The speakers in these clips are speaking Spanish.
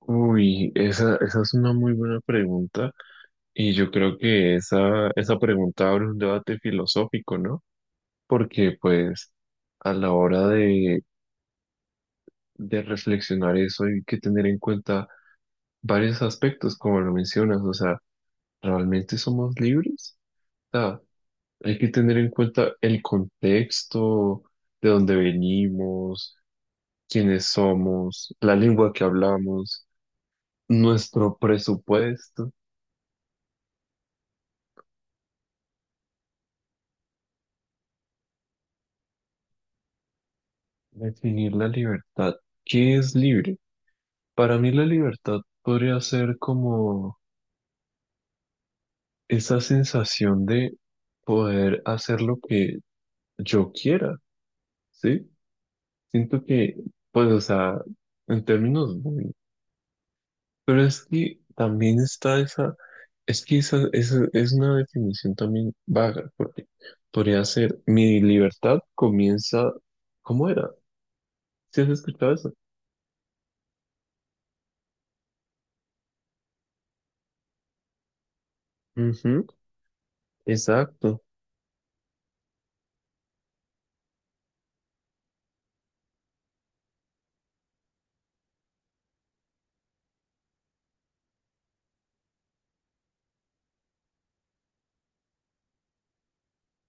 Uy, esa es una muy buena pregunta y yo creo que esa pregunta abre un debate filosófico, ¿no? Porque pues a la hora de reflexionar eso hay que tener en cuenta varios aspectos, como lo mencionas, o sea, ¿realmente somos libres? O sea, hay que tener en cuenta el contexto, de dónde venimos, quiénes somos, la lengua que hablamos, nuestro presupuesto. Definir la libertad. ¿Qué es libre? Para mí la libertad podría ser como esa sensación de poder hacer lo que yo quiera, ¿sí? Siento que, pues, o sea, en términos muy... Pero es que también está esa... Es que esa es una definición también vaga, porque podría ser mi libertad comienza... ¿Cómo era? ¿Sí has escuchado eso? Ujú. Exacto.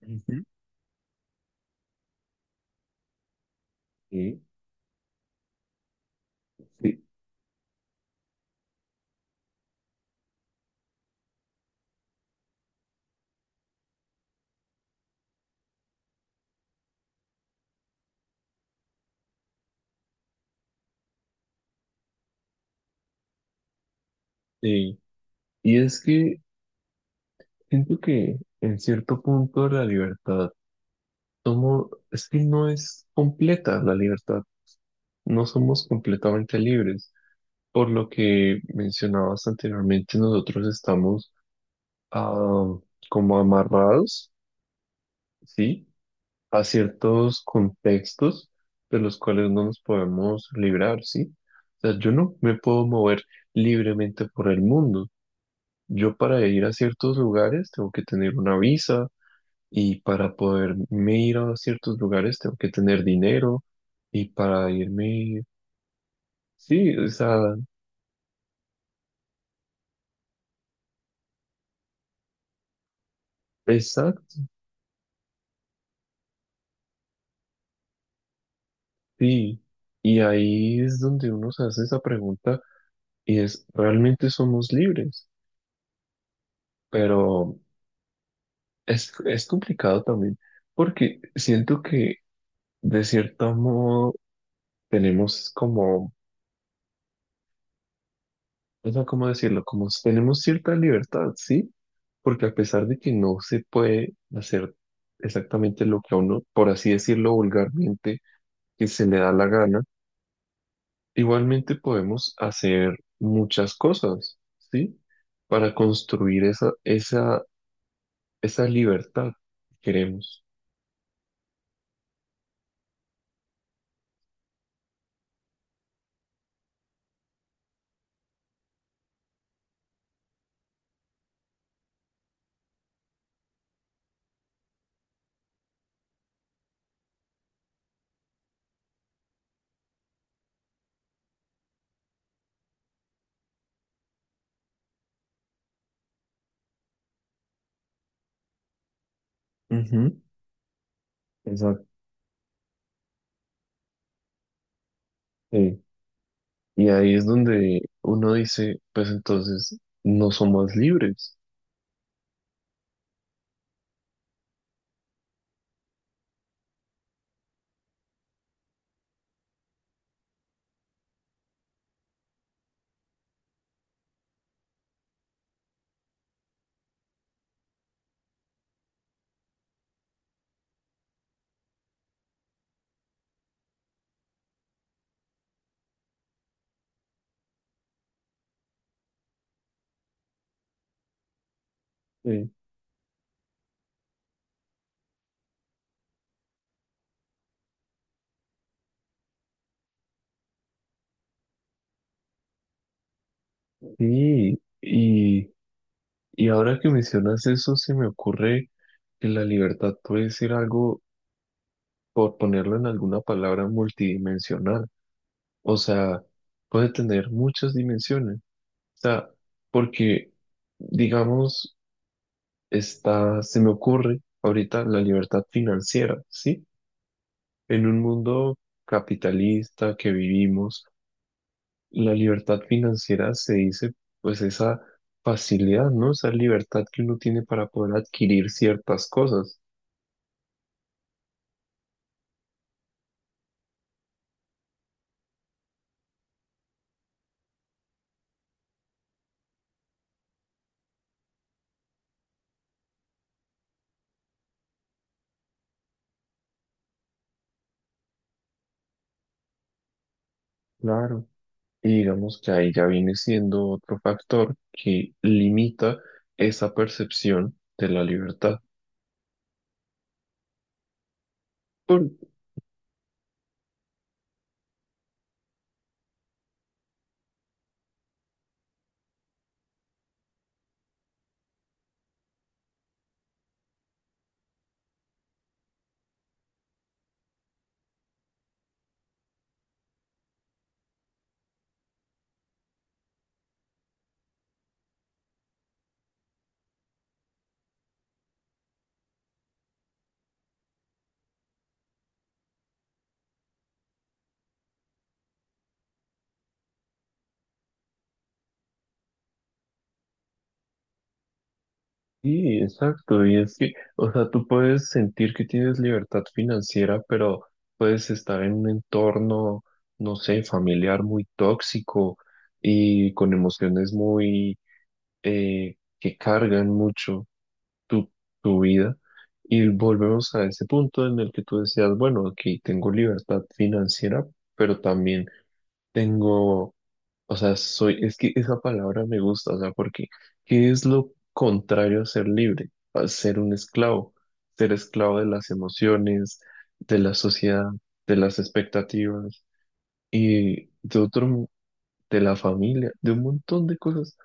Ujú. Sí. Sí. Sí, y es que siento que en cierto punto la libertad somos, es que no es completa la libertad, no somos completamente libres. Por lo que mencionabas anteriormente, nosotros estamos ah, como amarrados, ¿sí? A ciertos contextos de los cuales no nos podemos librar, ¿sí? O sea, yo no me puedo mover libremente por el mundo. Yo para ir a ciertos lugares tengo que tener una visa. Y para poderme ir a ciertos lugares tengo que tener dinero. Y para irme, sí, o sea, exacto, sí. Y ahí es donde uno se hace esa pregunta y es, ¿realmente somos libres? Pero es complicado también porque siento que de cierto modo tenemos como, o sea, ¿cómo decirlo? Como tenemos cierta libertad, ¿sí? Porque a pesar de que no se puede hacer exactamente lo que a uno, por así decirlo vulgarmente, que se le da la gana, igualmente podemos hacer muchas cosas, ¿sí? Para construir esa libertad que queremos. Ujú. Exacto. Sí. Y ahí es donde uno dice, pues entonces no somos libres. Sí. Sí, y ahora que mencionas eso, se me ocurre que la libertad puede ser algo, por ponerlo en alguna palabra, multidimensional. O sea, puede tener muchas dimensiones. O sea, porque, digamos, está, se me ocurre ahorita la libertad financiera, ¿sí? En un mundo capitalista que vivimos, la libertad financiera se dice, pues, esa facilidad, ¿no? Esa libertad que uno tiene para poder adquirir ciertas cosas. Claro. Y digamos que ahí ya viene siendo otro factor que limita esa percepción de la libertad. Por- sí, exacto. Y es que, o sea, tú puedes sentir que tienes libertad financiera, pero puedes estar en un entorno, no sé, familiar muy tóxico y con emociones muy, que cargan mucho tu, tu vida. Y volvemos a ese punto en el que tú decías, bueno, aquí tengo libertad financiera, pero también tengo, o sea, soy, es que esa palabra me gusta, o sea, porque ¿qué es lo contrario a ser libre? A ser un esclavo, ser esclavo de las emociones, de la sociedad, de las expectativas y de otro, de la familia, de un montón de cosas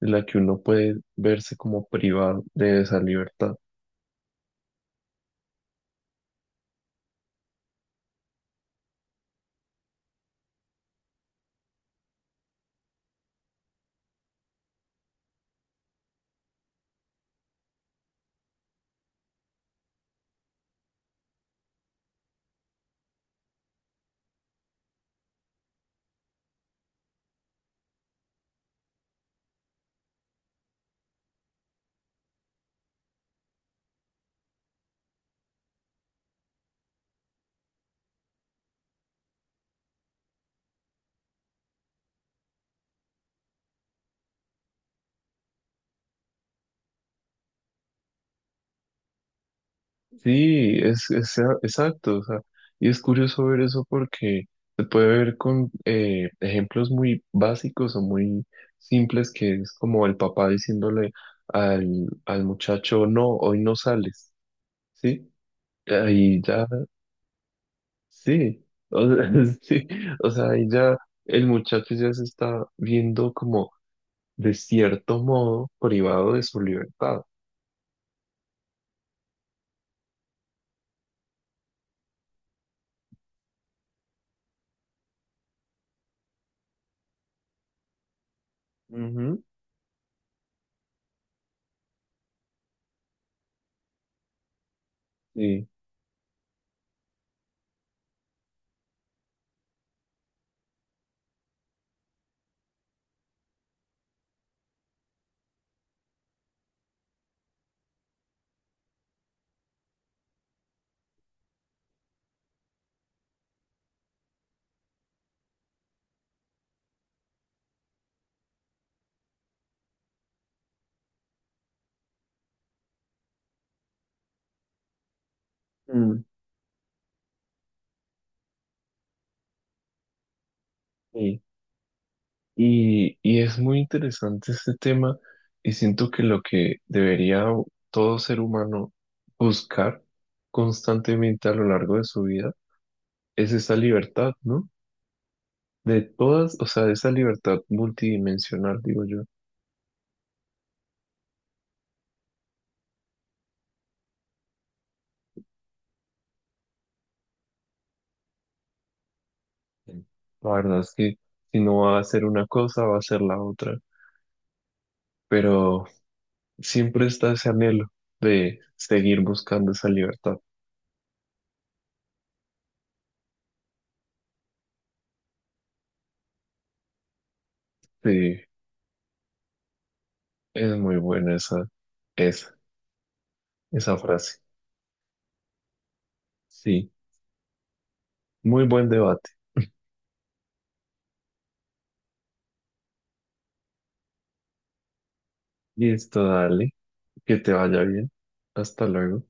de la que uno puede verse como privado de esa libertad. Sí, es- exacto, o sea, y es curioso ver eso porque se puede ver con ejemplos muy básicos o muy simples, que es como el papá diciéndole al, al muchacho, no, hoy no sales, ¿sí? Ahí ya, sí, o sea, sí, o sea, ahí ya el muchacho ya se está viendo como de cierto modo privado de su libertad. Ujú. Sí. Mm. Sí. Y es muy interesante este tema y siento que lo que debería todo ser humano buscar constantemente a lo largo de su vida es esa libertad, ¿no? De todas, o sea, esa libertad multidimensional, digo yo. La verdad es que si no va a hacer una cosa, va a hacer la otra, pero siempre está ese anhelo de seguir buscando esa libertad. Sí, es muy buena esa, esa, esa frase. Sí, muy buen debate. Listo, dale. Que te vaya bien. Hasta luego.